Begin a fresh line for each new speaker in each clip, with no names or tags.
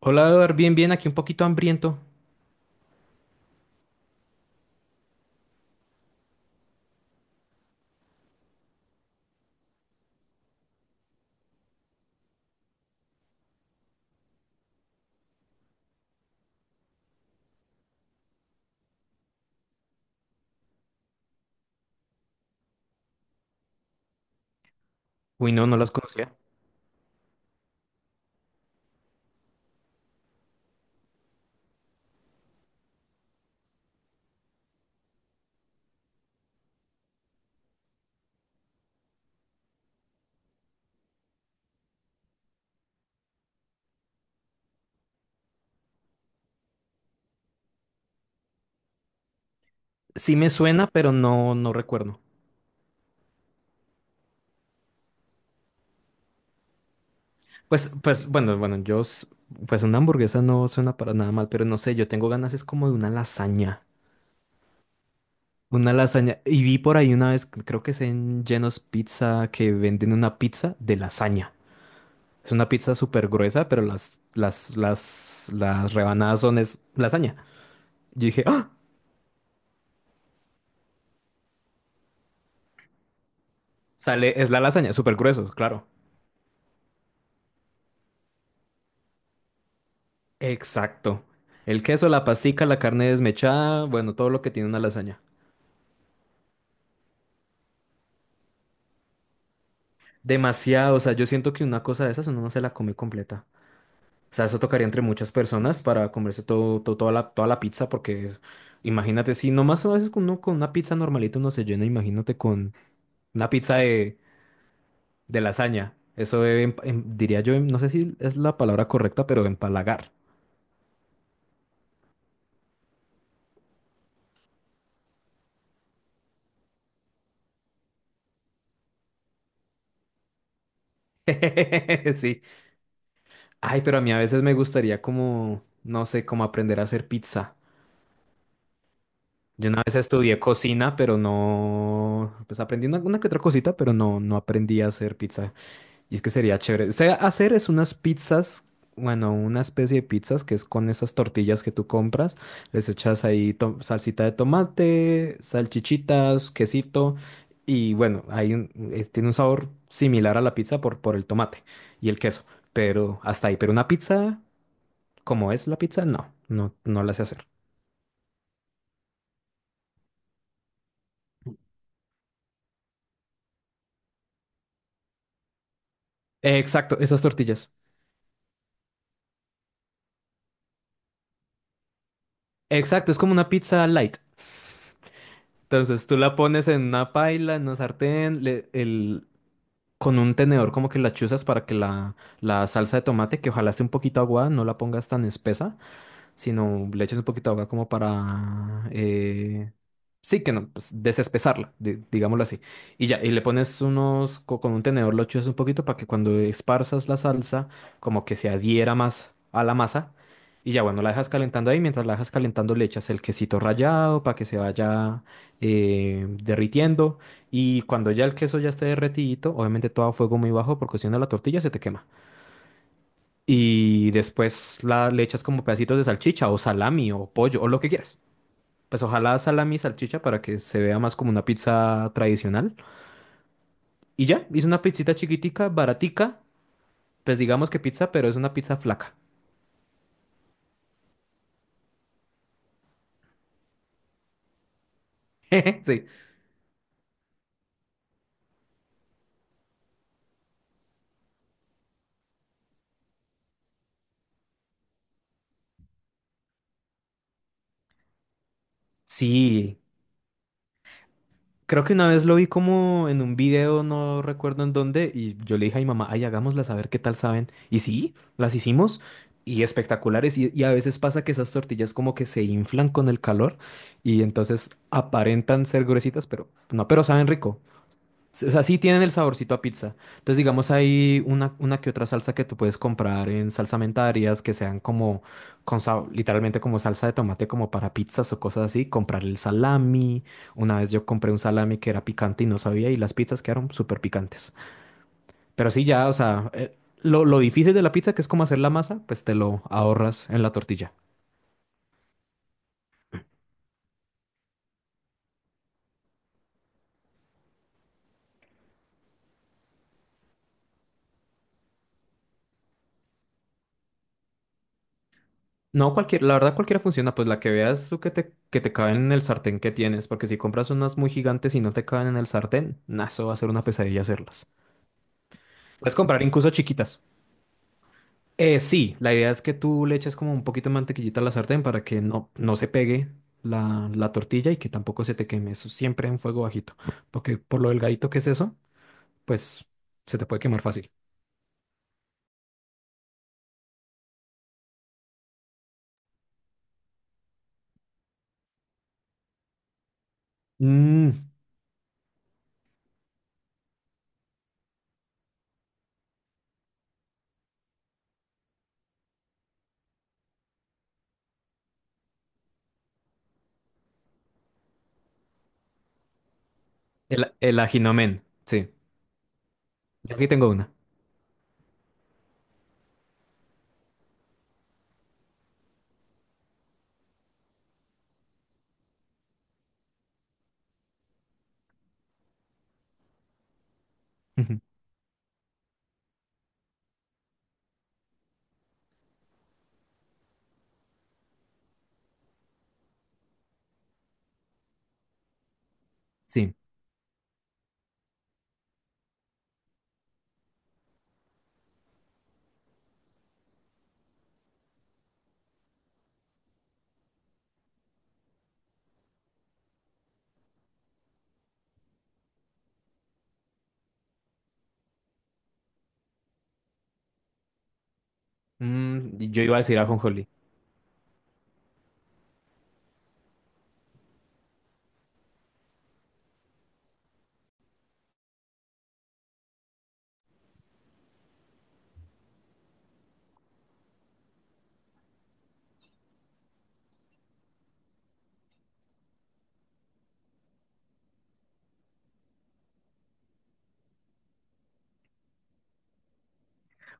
Hola, Eduard, bien, bien, aquí un poquito hambriento. Uy, no, no las conocía. Sí me suena, pero no recuerdo. Bueno, bueno, pues una hamburguesa no suena para nada mal, pero no sé, yo tengo ganas, es como de una lasaña. Una lasaña. Y vi por ahí una vez, creo que es en Geno's Pizza, que venden una pizza de lasaña. Es una pizza súper gruesa, pero las rebanadas son es lasaña. Yo dije, ¡ah! Sale, es la lasaña, súper grueso, claro. Exacto. El queso, la pastica, la carne desmechada, bueno, todo lo que tiene una lasaña. Demasiado, o sea, yo siento que una cosa de esas uno no se la come completa. O sea, eso tocaría entre muchas personas para comerse todo, toda la pizza, porque imagínate, si nomás a veces con uno con una pizza normalita uno se llena, imagínate con una pizza de lasaña. Eso diría yo, no sé si es la palabra correcta, pero empalagar. Sí. Ay, pero a mí a veces me gustaría como, no sé, como aprender a hacer pizza. Yo una vez estudié cocina, pero no, pues aprendí una que otra cosita, pero no aprendí a hacer pizza. Y es que sería chévere. O hacer es unas pizzas, bueno, una especie de pizzas que es con esas tortillas que tú compras. Les echas ahí salsita de tomate, salchichitas, quesito. Y bueno, tiene un sabor similar a la pizza por el tomate y el queso. Pero hasta ahí. Pero una pizza, como es la pizza, no la sé hacer. Exacto, esas tortillas. Exacto, es como una pizza light. Entonces tú la pones en una paila, en una sartén, con un tenedor como que la chuzas para que la salsa de tomate, que ojalá esté un poquito aguada, no la pongas tan espesa, sino le echas un poquito de agua como para... sí, que no, pues desespesarla, digámoslo así. Y ya, y le pones con un tenedor lo chuzas un poquito para que cuando esparzas la salsa, como que se adhiera más a la masa. Y ya, bueno, la dejas calentando ahí. Mientras la dejas calentando, le echas el quesito rallado para que se vaya derritiendo. Y cuando ya el queso ya esté derretidito, obviamente todo a fuego muy bajo porque si no la tortilla se te quema y después le echas como pedacitos de salchicha o salami o pollo o lo que quieras. Pues ojalá salami y salchicha para que se vea más como una pizza tradicional. Y ya, hice una pizzita chiquitica, baratica, pues digamos que pizza, pero es una pizza flaca. Sí, sí, creo que una vez lo vi como en un video, no recuerdo en dónde, y yo le dije a mi mamá, ay, hagámoslas a ver qué tal saben. Y sí, las hicimos y espectaculares. Y a veces pasa que esas tortillas como que se inflan con el calor y entonces aparentan ser gruesitas, pero no, pero saben rico. O sea, sí tienen el saborcito a pizza. Entonces, digamos, hay una que otra salsa que tú puedes comprar en salsamentarias que sean como, literalmente como salsa de tomate, como para pizzas o cosas así. Comprar el salami. Una vez yo compré un salami que era picante y no sabía, y las pizzas quedaron súper picantes. Pero sí, ya, o sea, lo difícil de la pizza, que es como hacer la masa, pues te lo ahorras en la tortilla. No, cualquier, la verdad cualquiera funciona, pues la que veas tú que te caben en el sartén que tienes, porque si compras unas muy gigantes y no te caben en el sartén, nah, eso va a ser una pesadilla hacerlas. Puedes comprar incluso chiquitas. Sí, la idea es que tú le eches como un poquito de mantequillita a la sartén para que no, no se pegue la tortilla y que tampoco se te queme. Eso siempre en fuego bajito, porque por lo delgadito que es eso, pues se te puede quemar fácil. Mm, el ajinomen, sí. Yo aquí tengo una. Ujú, sí. Yo iba a decir ajonjolí.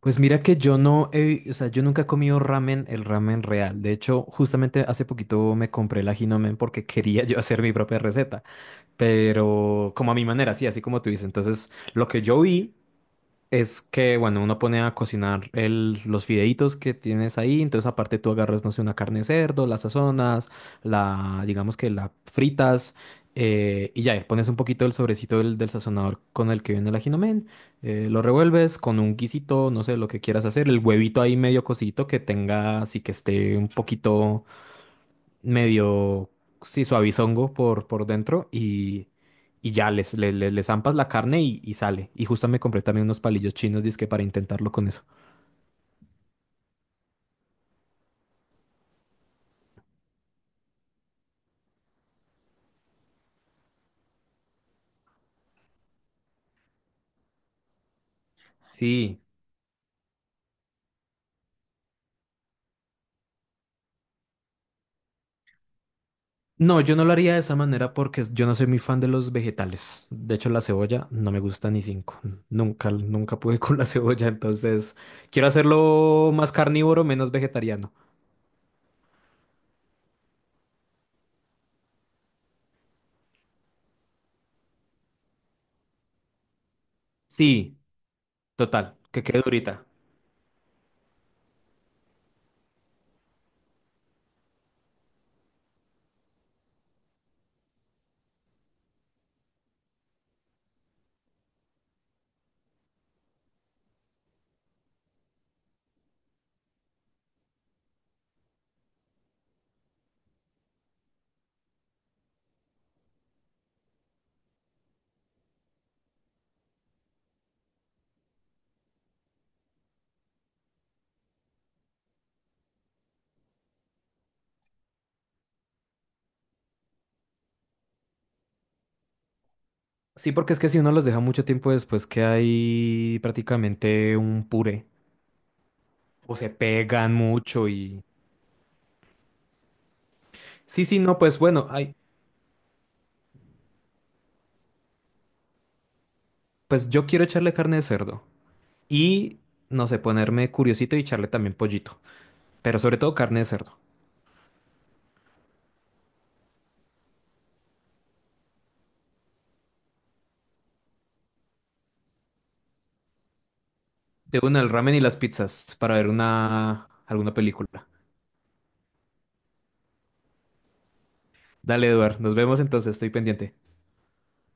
Pues mira que yo no he, o sea, yo nunca he comido ramen, el ramen real. De hecho, justamente hace poquito me compré la Hinomen porque quería yo hacer mi propia receta, pero como a mi manera, sí, así como tú dices. Entonces, lo que yo vi es que, bueno, uno pone a cocinar los fideitos que tienes ahí, entonces aparte tú agarras, no sé, una carne de cerdo, la sazonas, digamos que la fritas, y ya, y pones un poquito del sobrecito del sazonador con el que viene el ajinomen, lo revuelves con un guisito, no sé, lo que quieras hacer, el huevito ahí medio cosito que tenga, así que esté un poquito medio, sí, suavizongo por dentro y ya le zampas la carne y sale. Y justo me compré también unos palillos chinos, dizque para intentarlo con eso. Sí, no, yo no lo haría de esa manera porque yo no soy muy fan de los vegetales. De hecho, la cebolla no me gusta ni cinco. Nunca, nunca pude con la cebolla, entonces quiero hacerlo más carnívoro, menos vegetariano. Sí, total, que quede durita. Sí, porque es que si uno los deja mucho tiempo después, que hay prácticamente un puré. O se pegan mucho y... Sí, sí, no, pues bueno, ay, pues yo quiero echarle carne de cerdo. Y, no sé, ponerme curiosito y echarle también pollito. Pero sobre todo carne de cerdo. De una, el ramen y las pizzas para ver una... alguna película. Dale, Eduard, nos vemos entonces, estoy pendiente.